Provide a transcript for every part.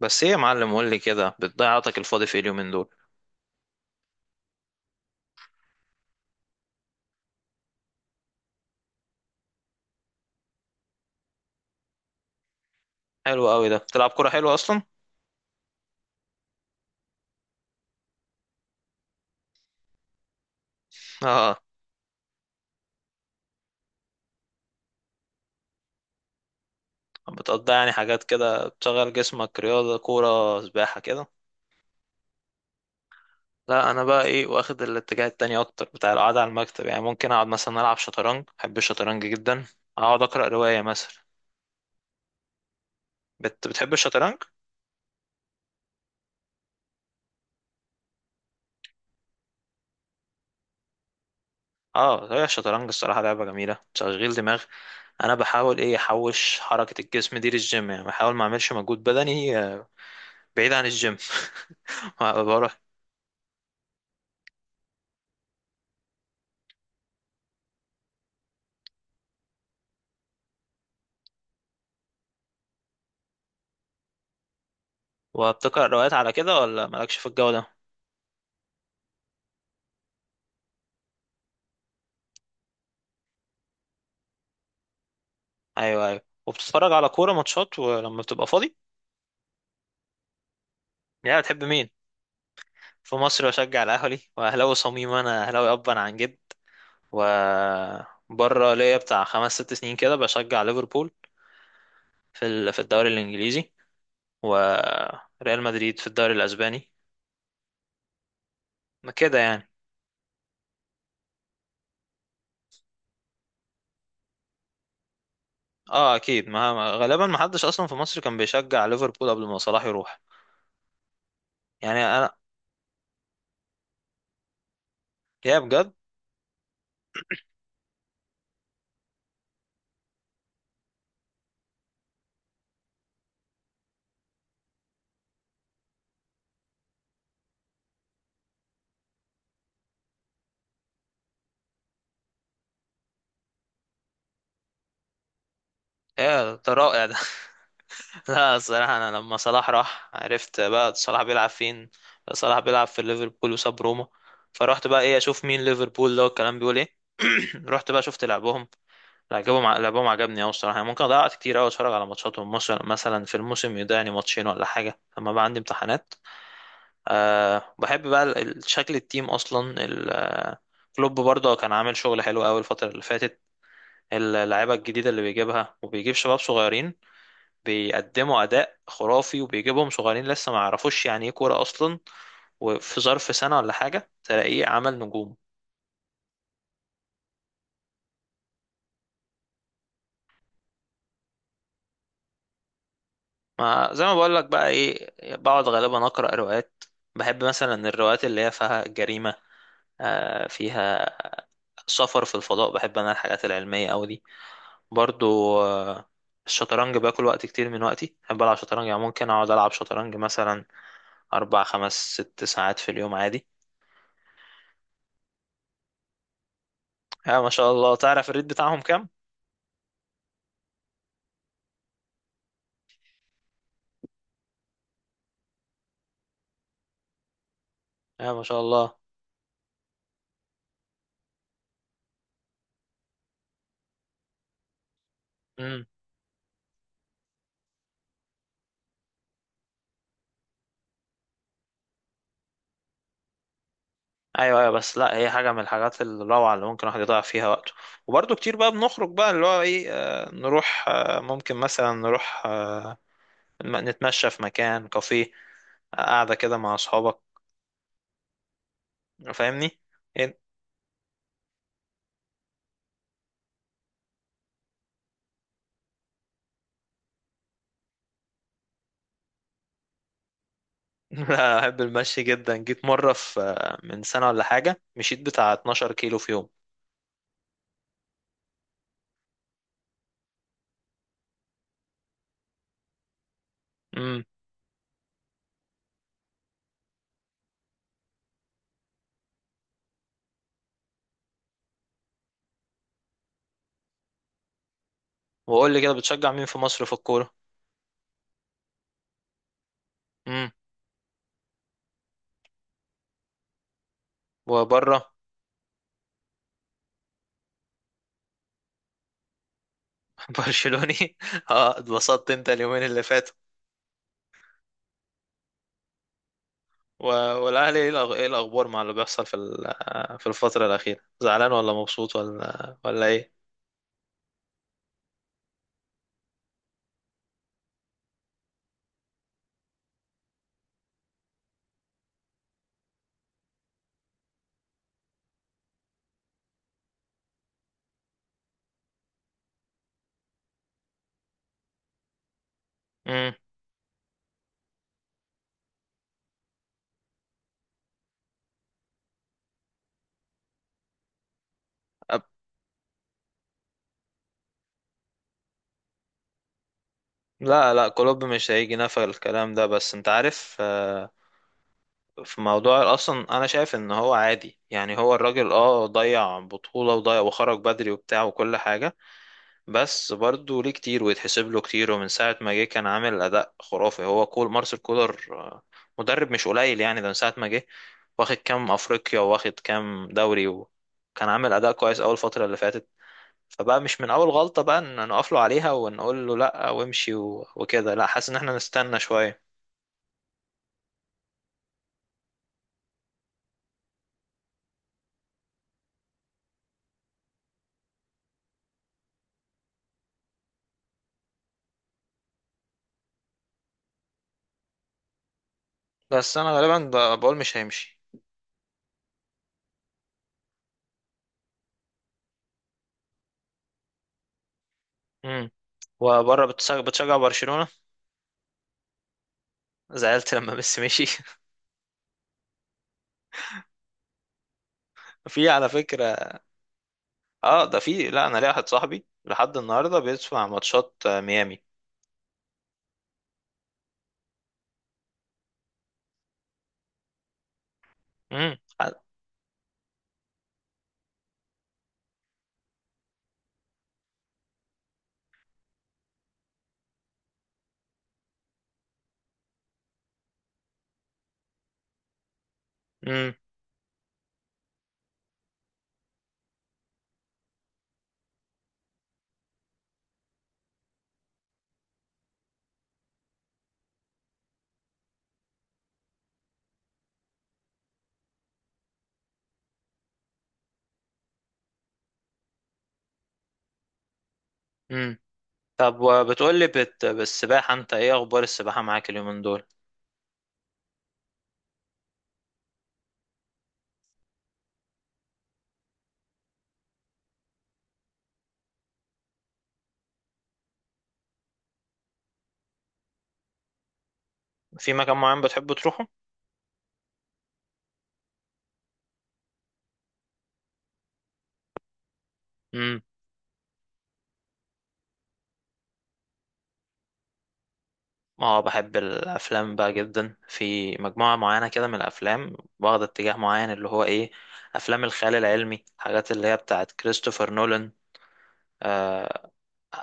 بس ايه يا معلم، قول لي كده، بتضيع وقتك الفاضي في إيه اليومين دول؟ حلو قوي، ده بتلعب كوره حلوه اصلا. اه، بتقضي يعني حاجات كده بتشغل جسمك، رياضه، كوره، سباحه كده؟ لا، انا بقى ايه، واخد الاتجاه التاني اكتر، بتاع القعده على المكتب، يعني ممكن اقعد مثلا العب شطرنج، بحب الشطرنج جدا. اقعد اقرا روايه مثلا. بتحب الشطرنج؟ اه، هي الشطرنج الصراحه لعبه جميله، تشغيل دماغ. انا بحاول ايه احوش حركه الجسم دي للجيم، يعني بحاول ما اعملش مجهود بدني بعيد عن الجيم. بروح. وبتقرأ روايات على كده ولا مالكش في الجو ده؟ ايوه ايوه، وبتتفرج على كورة ماتشات ولما بتبقى فاضي؟ يعني بتحب مين؟ في مصر بشجع الاهلي، واهلاوي صميم، انا اهلاوي ابا عن جد. و بره ليا بتاع خمس ست سنين كده بشجع ليفربول، في الدوري الانجليزي، وريال مدريد في الدوري الاسباني، ما كده يعني. اه اكيد، غالبا ما حدش اصلا في مصر كان بيشجع ليفربول قبل ما صلاح يروح. يعني انا يا بجد؟ يا ده رائع ده. لا، الصراحة أنا لما صلاح راح عرفت بقى صلاح بيلعب فين. صلاح بيلعب في ليفربول وساب روما. فروحت بقى إيه أشوف مين ليفربول ده والكلام بيقول إيه. رحت بقى شفت لعبهم. لعبهم عجبني أوي الصراحة، يعني ممكن ضيعت كتير أوي أتفرج على ماتشاتهم مثلا، في الموسم يضيعني ماتشين ولا حاجة لما بقى عندي امتحانات. أه بحب بقى شكل التيم أصلا كلوب برضه كان عامل شغل حلو أوي الفترة اللي فاتت. اللعيبة الجديدة اللي بيجيبها، وبيجيب شباب صغيرين بيقدموا اداء خرافي، وبيجيبهم صغيرين لسه ما يعرفوش يعني ايه كوره اصلا، وفي ظرف سنه ولا حاجه تلاقيه عمل نجوم. ما زي ما بقول لك بقى ايه، بقعد غالبا اقرا روايات. بحب مثلا الروايات اللي هي فيها جريمه، فيها سفر في الفضاء. بحب انا الحاجات العلميه أوي دي برضو. الشطرنج باكل وقت كتير من وقتي، بحب العب شطرنج، يعني ممكن اقعد العب شطرنج مثلا اربع خمس ست ساعات في اليوم عادي. يا ما شاء الله، تعرف الريت بتاعهم كام؟ يا ما شاء الله. مم. ايوه ايوه، بس لا، هي حاجه من الحاجات الروعه اللي ممكن الواحد يضيع فيها وقته. وبرضه كتير بقى بنخرج بقى اللي هو ايه، نروح، ممكن مثلا نروح، نتمشى في مكان، كافيه، قاعده كده مع اصحابك، فاهمني؟ إيه؟ لا، احب المشي جدا. جيت مره في من سنه ولا حاجه مشيت بتاع 12 كيلو في يوم. امم. وقول لي كده، بتشجع مين في مصر في الكوره؟ امم. وبره؟ برشلوني. اه اتبسطت انت اليومين اللي فاتوا. و- والأهلي إيه، إيه الأخبار مع اللي بيحصل في الفترة الأخيرة، زعلان ولا مبسوط ولا إيه؟ مم. أب- لا لا، كلوب مش هيجي، نفى الكلام ده، بس أنت عارف، في موضوع أصلا أنا شايف إن هو عادي، يعني هو الراجل أه ضيع بطولة وضيع وخرج بدري وبتاع وكل حاجة، بس برضه ليه كتير ويتحسب له كتير، ومن ساعة ما جه كان عامل أداء خرافي. هو كول مارسيل كولر، مدرب مش قليل يعني، ده من ساعة ما جه واخد كام أفريقيا، واخد كام دوري، وكان عامل أداء كويس أول فترة اللي فاتت. فبقى مش من أول غلطة بقى إن نقف له عليها ونقول له لأ وامشي وكده. لأ، حاسس إن احنا نستنى شوية. بس أنا غالبا بقول مش هيمشي. امم. وبره بتشجع برشلونة؟ زعلت لما ميسي مشي؟ في على فكرة اه ده في، لا، انا ليا واحد صاحبي لحد النهارده بيسمع ماتشات، ميامي. امم. امم. امم. طب وبتقول لي بالسباحه، انت ايه اخبار السباحه معاك اليومين دول؟ في مكان معين بتحب تروحه؟ امم. اه بحب الافلام بقى جدا، في مجموعه معينه كده من الافلام واخد اتجاه معين، اللي هو ايه، افلام الخيال العلمي، حاجات اللي هي بتاعت كريستوفر نولان. آه.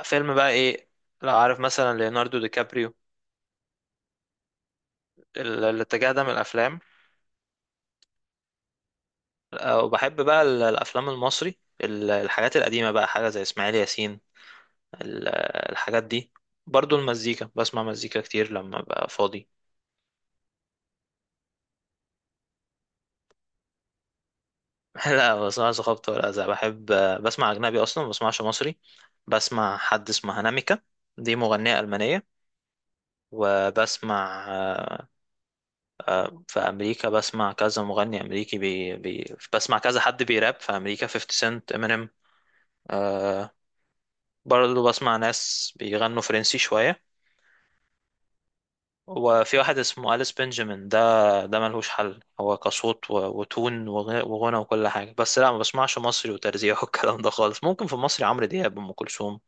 فيلم بقى ايه، لو عارف مثلا ليوناردو دي كابريو، الاتجاه ده من الافلام. وبحب بقى الافلام المصري، الحاجات القديمه بقى، حاجه زي اسماعيل ياسين، ال- الحاجات دي. برضو المزيكا بسمع مزيكا كتير لما ببقى فاضي. لا ما بسمعش خبط ولا أذى، بحب بسمع اجنبي اصلا، ما بسمعش مصري. بسمع حد اسمه هناميكا، دي مغنيه المانيه. وبسمع، في امريكا بسمع كذا مغني امريكي، بي بي بسمع كذا حد بيراب في امريكا، 50 سنت، امينيم. آه، برضو بسمع ناس بيغنوا فرنسي شويه. وفي واحد اسمه أليس بنجامين، ده ملهوش حل، هو كصوت وتون، وغنى وكل حاجة. بس لا ما بسمعش مصري وترزيع والكلام ده خالص، ممكن في مصري عمرو دياب، أم كلثوم.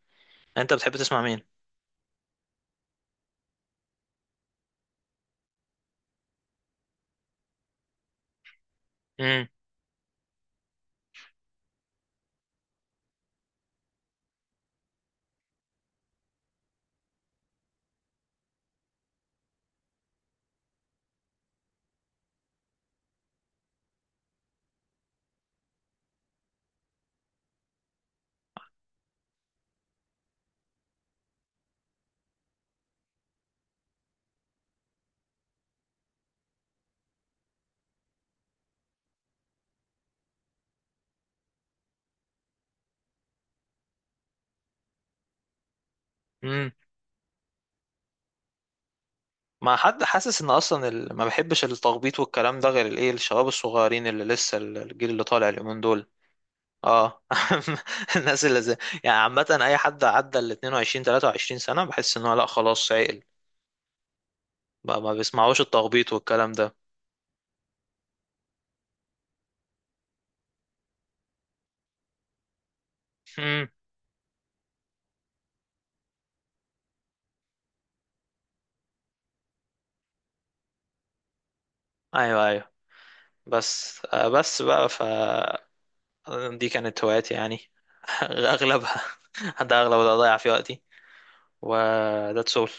أنت بتحب تسمع مين؟ امم. امم. ما حد حاسس إن أصلا ما بحبش التخبيط والكلام ده غير الإيه الشباب الصغيرين اللي لسه الجيل اللي طالع اليومين دول. اه. الناس اللي زي، يعني عامة أي حد عدى ال 22 23 سنة بحس إن هو لا خلاص عقل. ما بيسمعوش التخبيط والكلام ده. امم. ايوه ايوه، بس بس بقى دي كانت هواياتي يعني، اغلبها. ده اغلب اللي اضيع فيه وقتي. وده تسول.